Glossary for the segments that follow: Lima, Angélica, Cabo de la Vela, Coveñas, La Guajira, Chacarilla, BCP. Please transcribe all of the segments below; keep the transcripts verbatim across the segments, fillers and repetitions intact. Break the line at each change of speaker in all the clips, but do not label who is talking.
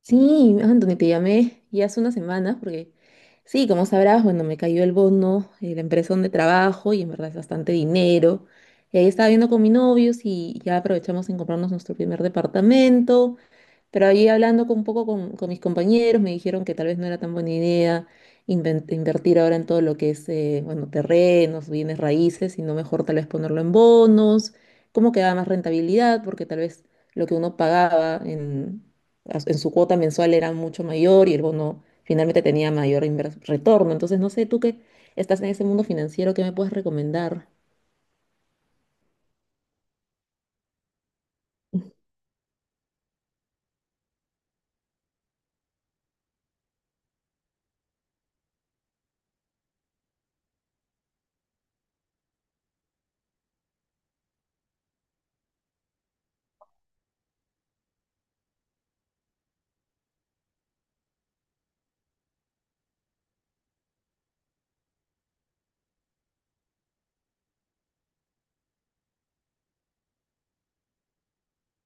Sí, Anthony, te llamé ya hace unas semanas porque, sí, como sabrás, bueno, me cayó el bono de la empresa donde trabajo y en verdad es bastante dinero. Y ahí estaba viendo con mi novio si ya aprovechamos en comprarnos nuestro primer departamento. Pero ahí hablando con- un poco con, con mis compañeros, me dijeron que tal vez no era tan buena idea inven- invertir ahora en todo lo que es, eh, bueno, terrenos, bienes raíces, sino mejor tal vez ponerlo en bonos, cómo quedaba más rentabilidad, porque tal vez lo que uno pagaba en, as- en su cuota mensual era mucho mayor y el bono finalmente tenía mayor inver- retorno. Entonces, no sé, tú que estás en ese mundo financiero, ¿qué me puedes recomendar?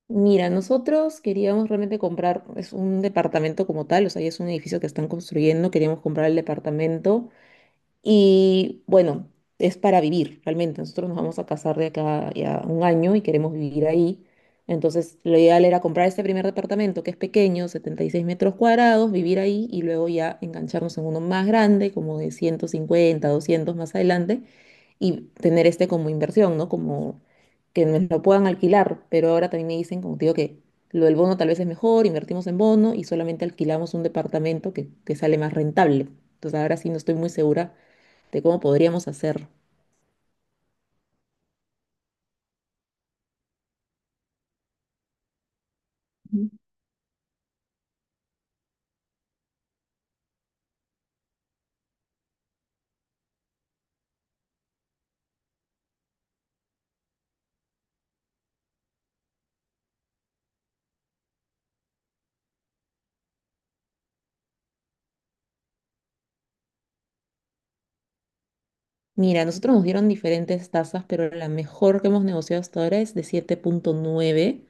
Mira, nosotros queríamos realmente comprar, es un departamento como tal, o sea, ya es un edificio que están construyendo, queríamos comprar el departamento, y bueno, es para vivir realmente. Nosotros nos vamos a casar de acá ya un año y queremos vivir ahí. Entonces, lo ideal era comprar este primer departamento que es pequeño, setenta y seis metros cuadrados, vivir ahí y luego ya engancharnos en uno más grande, como de ciento cincuenta doscientos más adelante, y tener este como inversión, ¿no? Como que nos lo puedan alquilar. Pero ahora también me dicen, como te digo, que lo del bono tal vez es mejor, invertimos en bono y solamente alquilamos un departamento que, que sale más rentable. Entonces, ahora sí no estoy muy segura de cómo podríamos hacer. Mira, nosotros nos dieron diferentes tasas, pero la mejor que hemos negociado hasta ahora es de siete punto nueve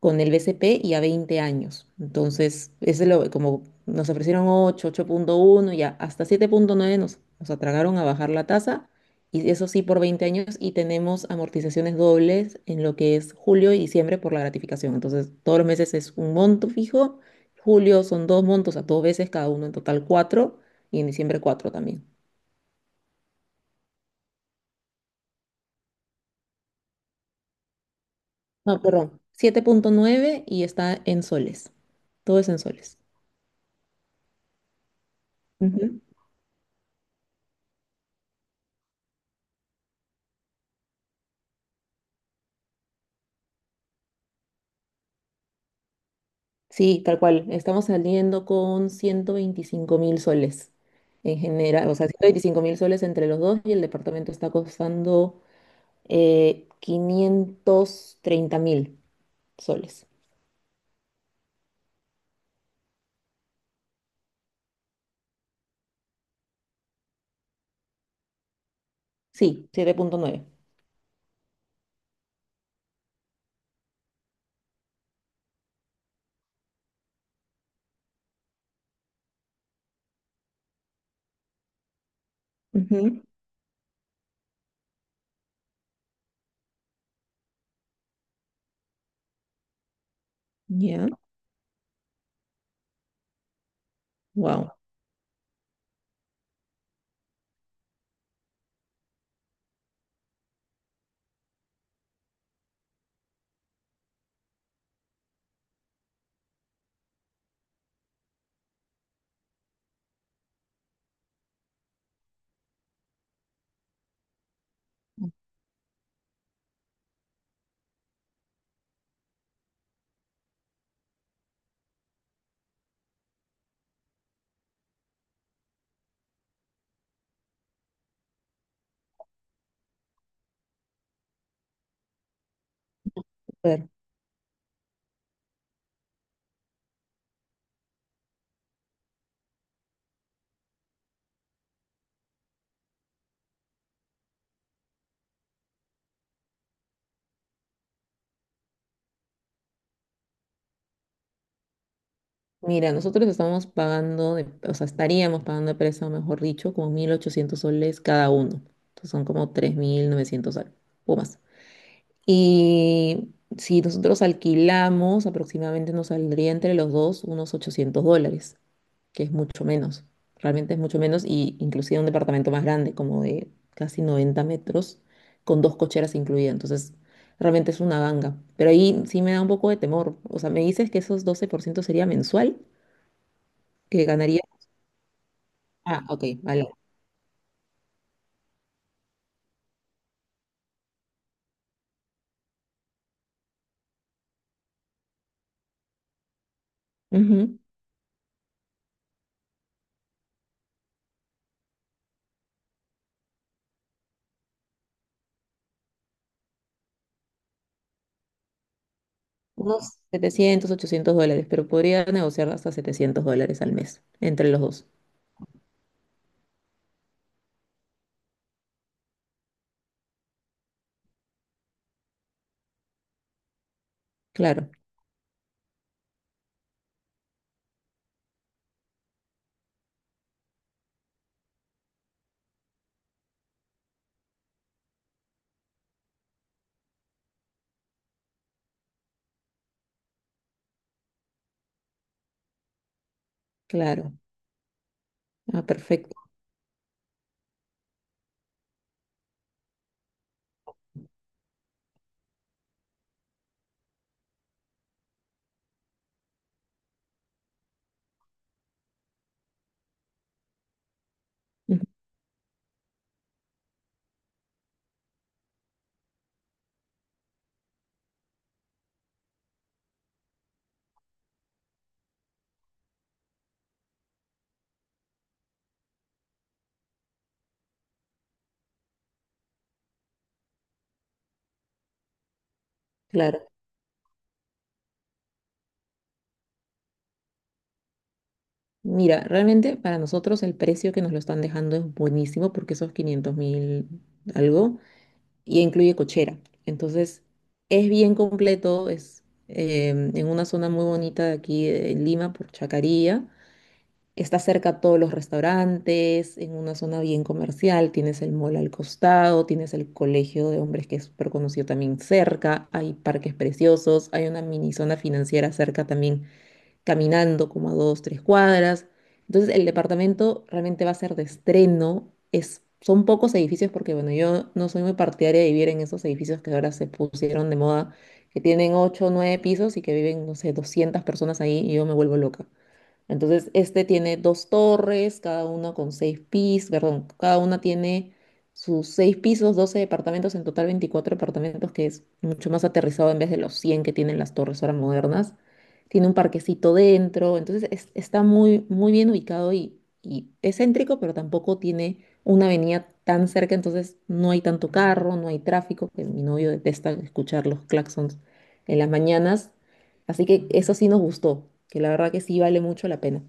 con el B C P y a veinte años. Entonces, ese es lo, como nos ofrecieron ocho, ocho punto uno, ya hasta siete punto nueve nos, nos atragaron a bajar la tasa, y eso sí por veinte años, y tenemos amortizaciones dobles en lo que es julio y diciembre por la gratificación. Entonces, todos los meses es un monto fijo, julio son dos montos a dos veces, cada uno en total cuatro, y en diciembre cuatro también. No, perdón, siete punto nueve y está en soles. Todo es en soles. Ujú. Sí, tal cual. Estamos saliendo con ciento veinticinco mil soles en general. O sea, ciento veinticinco mil soles entre los dos y el departamento está costando eh, quinientos treinta mil soles. Sí, siete punto nueve. Ujú. Ya. Wow. Mira, nosotros estamos pagando, de- o sea, estaríamos pagando de préstamo, mejor dicho, como mil ochocientos soles cada uno. Entonces son como tres mil novecientos soles o más. Y si nosotros alquilamos, aproximadamente nos saldría entre los dos unos ochocientos dólares, que es mucho menos. Realmente es mucho menos y inclusive un departamento más grande, como de casi noventa metros, con dos cocheras incluidas. Entonces, realmente es una ganga. Pero ahí sí me da un poco de temor. O sea, me dices que esos doce por ciento sería mensual que ganaría. Ah, ok, vale. Ujú. Unos setecientos ochocientos dólares, pero podría negociar hasta setecientos dólares al mes entre los dos. Claro, claro. Ah, perfecto. Ujú. Claro. Mira, realmente para nosotros el precio que nos lo están dejando es buenísimo porque esos quinientos mil algo y incluye cochera. Entonces, es bien completo, es eh, en una zona muy bonita de aquí en Lima, por Chacarilla. Está cerca a todos los restaurantes, en una zona bien comercial, tienes el mall al costado, tienes el colegio de hombres que es súper conocido también cerca, hay parques preciosos, hay una mini zona financiera cerca también, caminando como a dos, tres cuadras. Entonces el departamento realmente va a ser de estreno, es, son pocos edificios porque bueno, yo no soy muy partidaria de vivir en esos edificios que ahora se pusieron de moda, que tienen ocho o nueve pisos y que viven, no sé, doscientas personas ahí y yo me vuelvo loca. Entonces, este tiene dos torres, cada una con seis pisos, perdón, cada una tiene sus seis pisos, doce departamentos, en total veinticuatro departamentos, que es mucho más aterrizado en vez de los cien que tienen las torres ahora modernas. Tiene un parquecito dentro, entonces es- está muy, muy bien ubicado y, y es céntrico, pero tampoco tiene una avenida tan cerca, entonces no hay tanto carro, no hay tráfico, que mi novio detesta escuchar los claxons en las mañanas. Así que eso sí nos gustó, que la verdad que sí vale mucho la pena.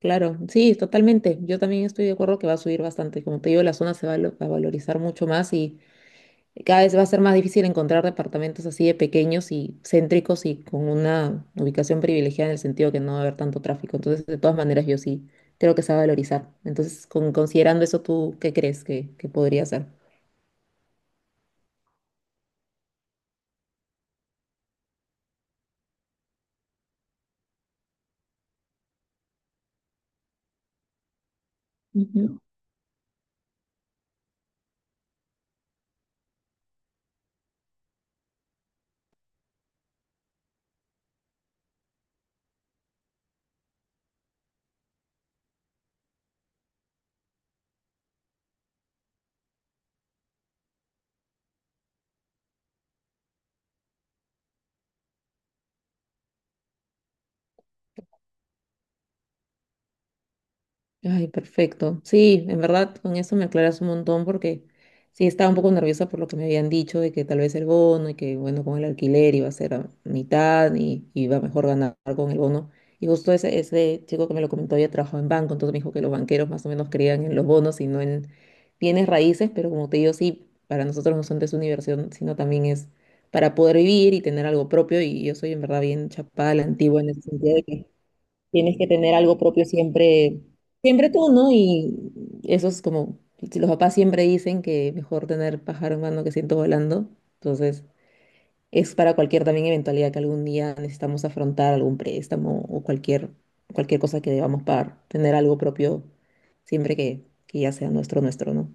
Claro, sí, totalmente. Yo también estoy de acuerdo que va a subir bastante. Como te digo, la zona se va a lo- a valorizar mucho más y cada vez va a ser más difícil encontrar departamentos así de pequeños y céntricos y con una ubicación privilegiada en el sentido que no va a haber tanto tráfico. Entonces, de todas maneras, yo sí creo que se va a valorizar. Entonces, con- considerando eso, ¿tú qué crees que, que podría ser? Ujú. Ay, perfecto. Sí, en verdad, con eso me aclaras un montón porque sí estaba un poco nerviosa por lo que me habían dicho de que tal vez el bono y que, bueno, con el alquiler iba a ser a mitad y iba mejor ganar con el bono. Y justo ese, ese chico que me lo comentó había trabajado en banco, entonces me dijo que los banqueros más o menos creían en los bonos y no en bienes raíces, pero como te digo, sí, para nosotros no son de su diversión, sino también es para poder vivir y tener algo propio. Y yo soy en verdad bien chapada a la antigua en ese sentido de que tienes que tener algo propio siempre, siempre tú, ¿no? Y eso es como, si los papás siempre dicen que mejor tener pájaro en mano que ciento volando, entonces es para cualquier también eventualidad que algún día necesitamos afrontar algún préstamo o cualquier, cualquier cosa que debamos pagar, tener algo propio siempre que, que ya sea nuestro, nuestro, ¿no?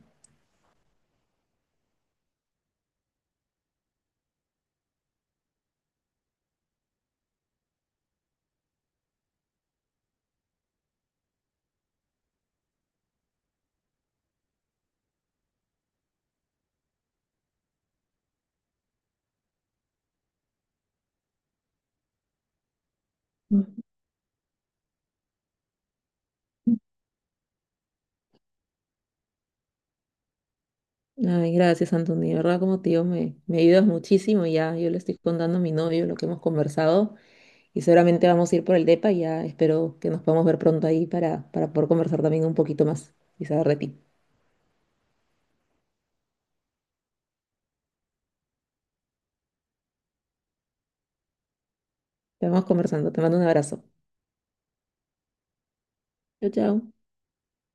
Ay, gracias, Antonio. De verdad, como tío, me, me ayudas muchísimo. Ya, yo le estoy contando a mi novio lo que hemos conversado. Y seguramente vamos a ir por el DEPA y ya espero que nos podamos ver pronto ahí para, para poder conversar también un poquito más y saber de ti. Te vamos conversando. Te mando un abrazo. Chao, chao.